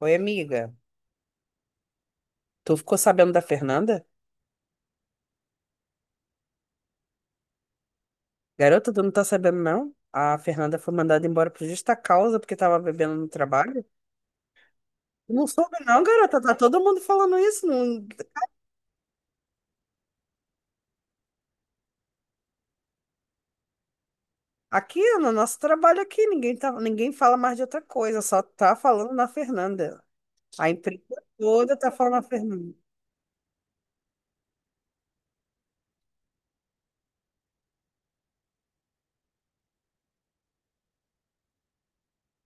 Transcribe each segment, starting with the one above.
Oi, amiga. Tu ficou sabendo da Fernanda? Garota, tu não tá sabendo, não? A Fernanda foi mandada embora por justa causa porque tava bebendo no trabalho. Tu não soube, não, garota. Tá todo mundo falando isso. Não. Aqui, no nosso trabalho aqui, ninguém tá ninguém fala mais de outra coisa. Só tá falando na Fernanda. A empresa toda tá falando na Fernanda.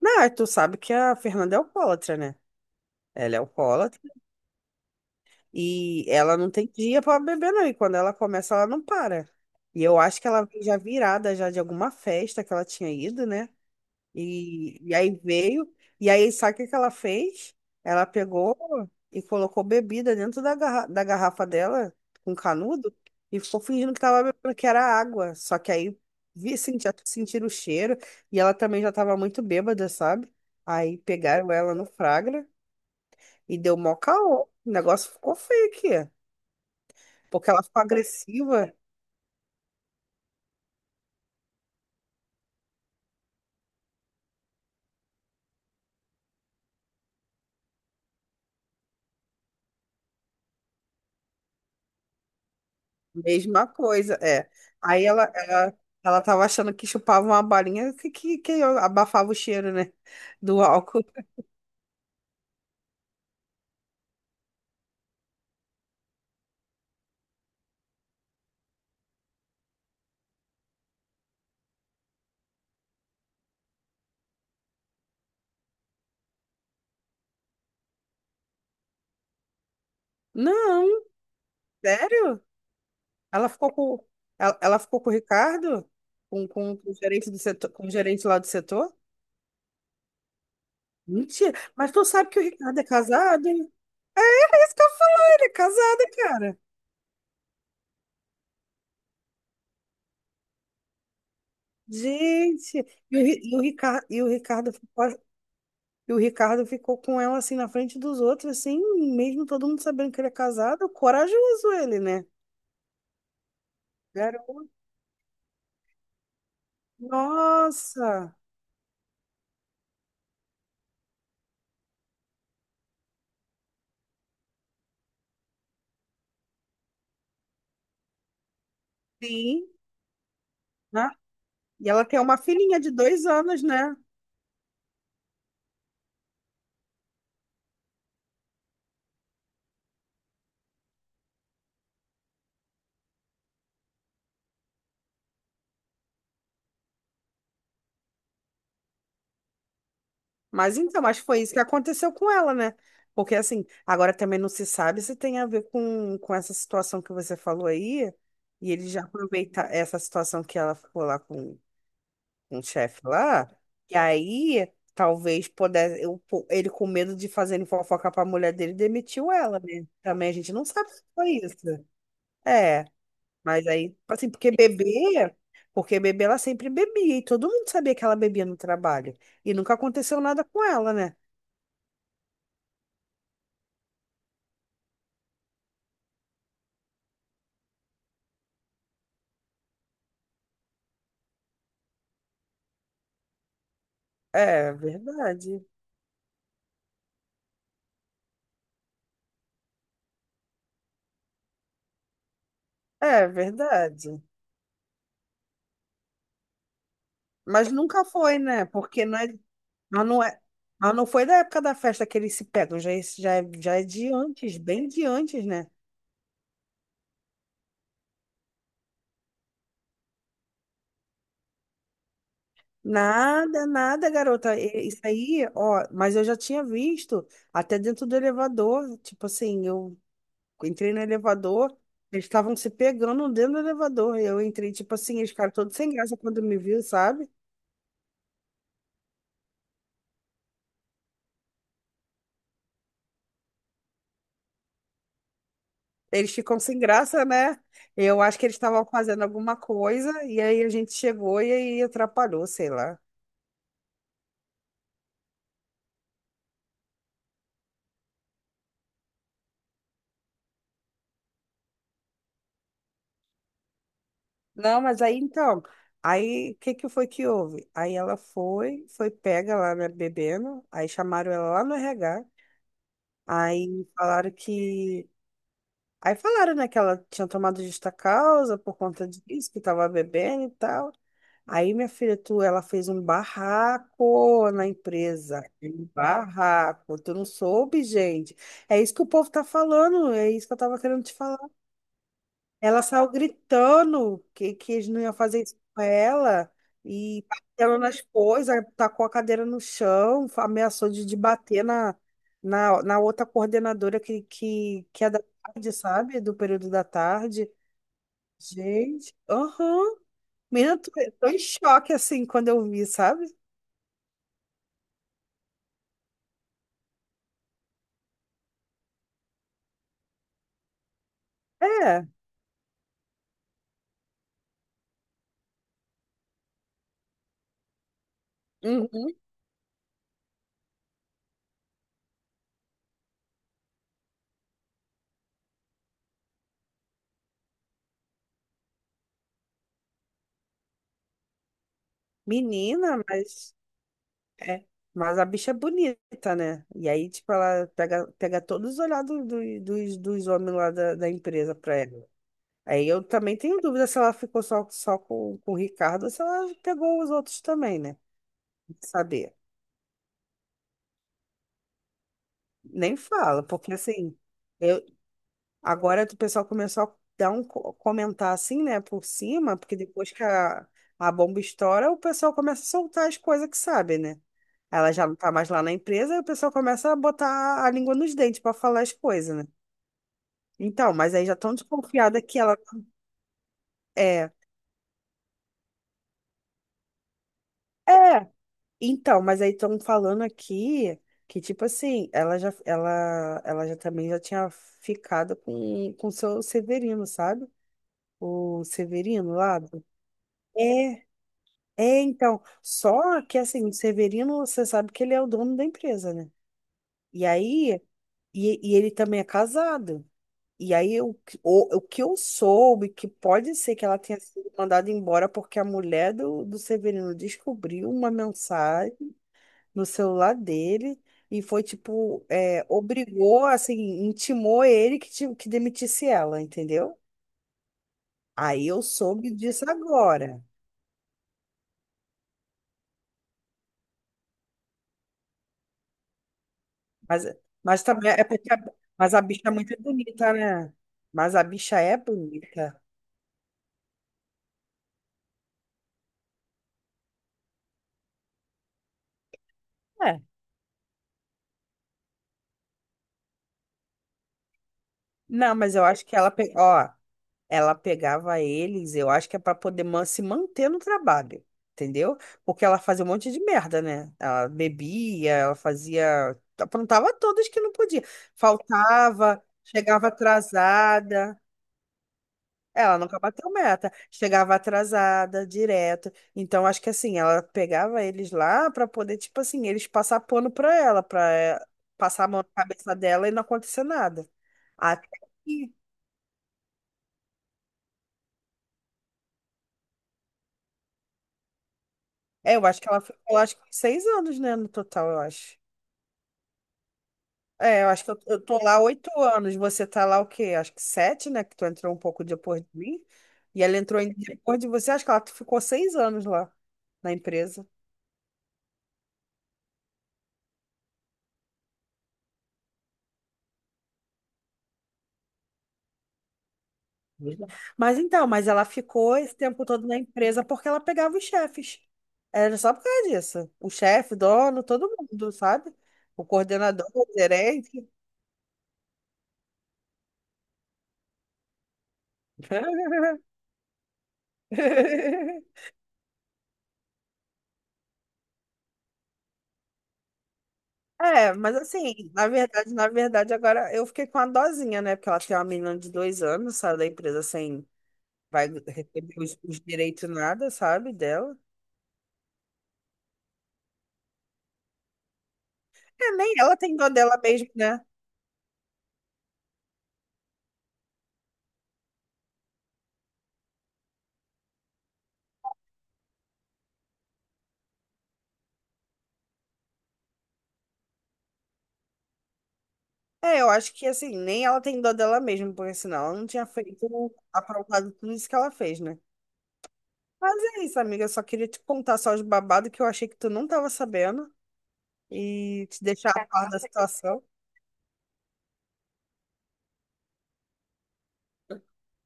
Não, tu sabe que a Fernanda é alcoólatra, né? Ela é alcoólatra. E ela não tem dia para beber, não. E quando ela começa, ela não para. E eu acho que ela veio já virada já de alguma festa que ela tinha ido, né? E aí veio. E aí, sabe o que que ela fez? Ela pegou e colocou bebida dentro da garrafa dela, com canudo, e ficou fingindo que tava bebendo, que era água. Só que aí vi, senti, sentiram o cheiro. E ela também já tava muito bêbada, sabe? Aí pegaram ela no Fragra e deu mó caô. O negócio ficou feio aqui. Porque ela ficou agressiva, mesma coisa, é. Aí ela tava achando que chupava uma balinha que eu abafava o cheiro, né? Do álcool. Não, sério? Ela ficou com, ela ficou com o Ricardo? Com o gerente do setor, com o gerente lá do setor? Mentira. Mas tu sabe que o Ricardo é casado, hein? É isso que eu falo, ele é casado, cara. Gente, e o, Ri- e o Ricardo, e o Ricardo. E o Ricardo ficou com ela assim na frente dos outros, assim, mesmo todo mundo sabendo que ele é casado, corajoso ele, né? Garoto. Nossa! Sim, né? E ela tem uma filhinha de 2 anos, né? Mas então, mas foi isso que aconteceu com ela, né? Porque assim, agora também não se sabe se tem a ver com essa situação que você falou aí, e ele já aproveita essa situação que ela ficou lá com um chefe lá, e aí talvez pudesse, eu ele com medo de fazer fofoca pra mulher dele, demitiu ela, né? Também a gente não sabe se foi isso. É, mas aí, assim, porque bebê ela sempre bebia, e todo mundo sabia que ela bebia no trabalho, e nunca aconteceu nada com ela, né? É verdade, é verdade. Mas nunca foi, né? Porque não é, mas não é, mas não foi da época da festa que eles se pegam, já, é- já, é- já é de antes, bem de antes, né? Nada, nada, garota. E- Isso aí, ó, mas eu já tinha visto até dentro do elevador. Tipo assim, eu entrei no elevador, eles estavam se pegando dentro do elevador. E eu entrei, tipo assim, eles ficaram todos sem graça quando me viu, sabe? Eles ficam sem graça, né? Eu acho que eles estavam fazendo alguma coisa, e aí a gente chegou e aí atrapalhou, sei lá. Não, mas aí então, aí o que que foi que houve? Aí ela foi, foi pega lá, né, bebendo, aí chamaram ela lá no RH. Aí falaram que. Aí falaram, né, que ela tinha tomado justa causa por conta disso, que tava bebendo e tal. Aí, minha filha, tu, ela fez um barraco na empresa. Um barraco. Tu não soube, gente. É isso que o povo tá falando. É isso que eu tava querendo te falar. Ela saiu gritando que eles não iam fazer isso com ela e batendo nas coisas, aí tacou a cadeira no chão, fa- ameaçou de bater na, na outra coordenadora que é da tarde, sabe? Do período da tarde. Gente, aham. Menina, tô, tô em choque assim quando eu vi, sabe? É, uhum. Menina, mas. É, mas a bicha é bonita, né? E aí, tipo, ela pega, pega todos os olhados do- dos, dos homens lá da, da empresa pra ela. Aí eu também tenho dúvida se ela ficou só, só com o Ricardo ou se ela pegou os outros também, né? Tem que saber. Nem fala, porque assim, eu, agora o pessoal começou a dar um, co- comentar assim, né, por cima, porque depois que a bomba estoura, o pessoal começa a soltar as coisas que sabe, né? Ela já não tá mais lá na empresa, e o pessoal começa a botar a língua nos dentes para falar as coisas, né? Então, mas aí já estão desconfiada que ela é. É. Então, mas aí estão falando aqui que, tipo assim, ela já, ela já também já tinha ficado com o seu Severino, sabe? O Severino lá. É, é, então. Só que assim, o Severino, você sabe que ele é o dono da empresa, né? E aí, e ele também é casado. E aí, o que eu soube, é que pode ser que ela tenha sido mandada embora porque a mulher do Severino descobriu uma mensagem no celular dele e foi, tipo, é, obrigou, assim, intimou ele que, ti- que demitisse ela, entendeu? Aí eu soube disso agora. Mas, mas também é porque a, mas a bicha é muito bonita, né? Mas a bicha é bonita. É. Não, mas eu acho que ela pegou. Ela pegava eles, eu acho que é para poder man- se manter no trabalho, entendeu? Porque ela fazia um monte de merda, né? Ela bebia, ela fazia, aprontava todas que não podia. Faltava, chegava atrasada. Ela nunca bateu meta, chegava atrasada, direto. Então, acho que assim, ela pegava eles lá para poder, tipo assim, eles passar pano para ela, para passar a mão na cabeça dela e não acontecer nada. Até que é, eu acho que ela ficou lá, acho que uns 6 anos, né, no total, eu acho. É, eu acho que eu tô lá 8 anos, você tá lá o quê? Acho que sete, né, que tu entrou um pouco depois de mim, e ela entrou em- depois de você, acho que ela ficou 6 anos lá na empresa. Mas então, mas ela ficou esse tempo todo na empresa porque ela pegava os chefes. Era só por causa disso. O chefe, dono, todo mundo, sabe? O coordenador, o gerente. É, mas assim, na verdade, agora eu fiquei com a dosinha, né? Porque ela tem uma menina de 2 anos, saiu da empresa sem, vai receber os direitos nada, sabe, dela. É, nem ela tem dó dela mesmo, né? É, eu acho que assim, nem ela tem dó dela mesmo, porque senão ela não tinha feito, aprovado tudo isso que ela fez, né? Mas é isso, amiga, eu só queria te contar só os babados que eu achei que tu não tava sabendo e te deixar a par da situação.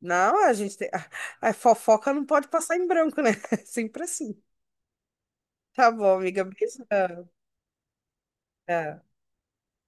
Não, a gente tem a fofoca não pode passar em branco, né? Sempre assim. Tá bom, amiga. Beijão. Tá.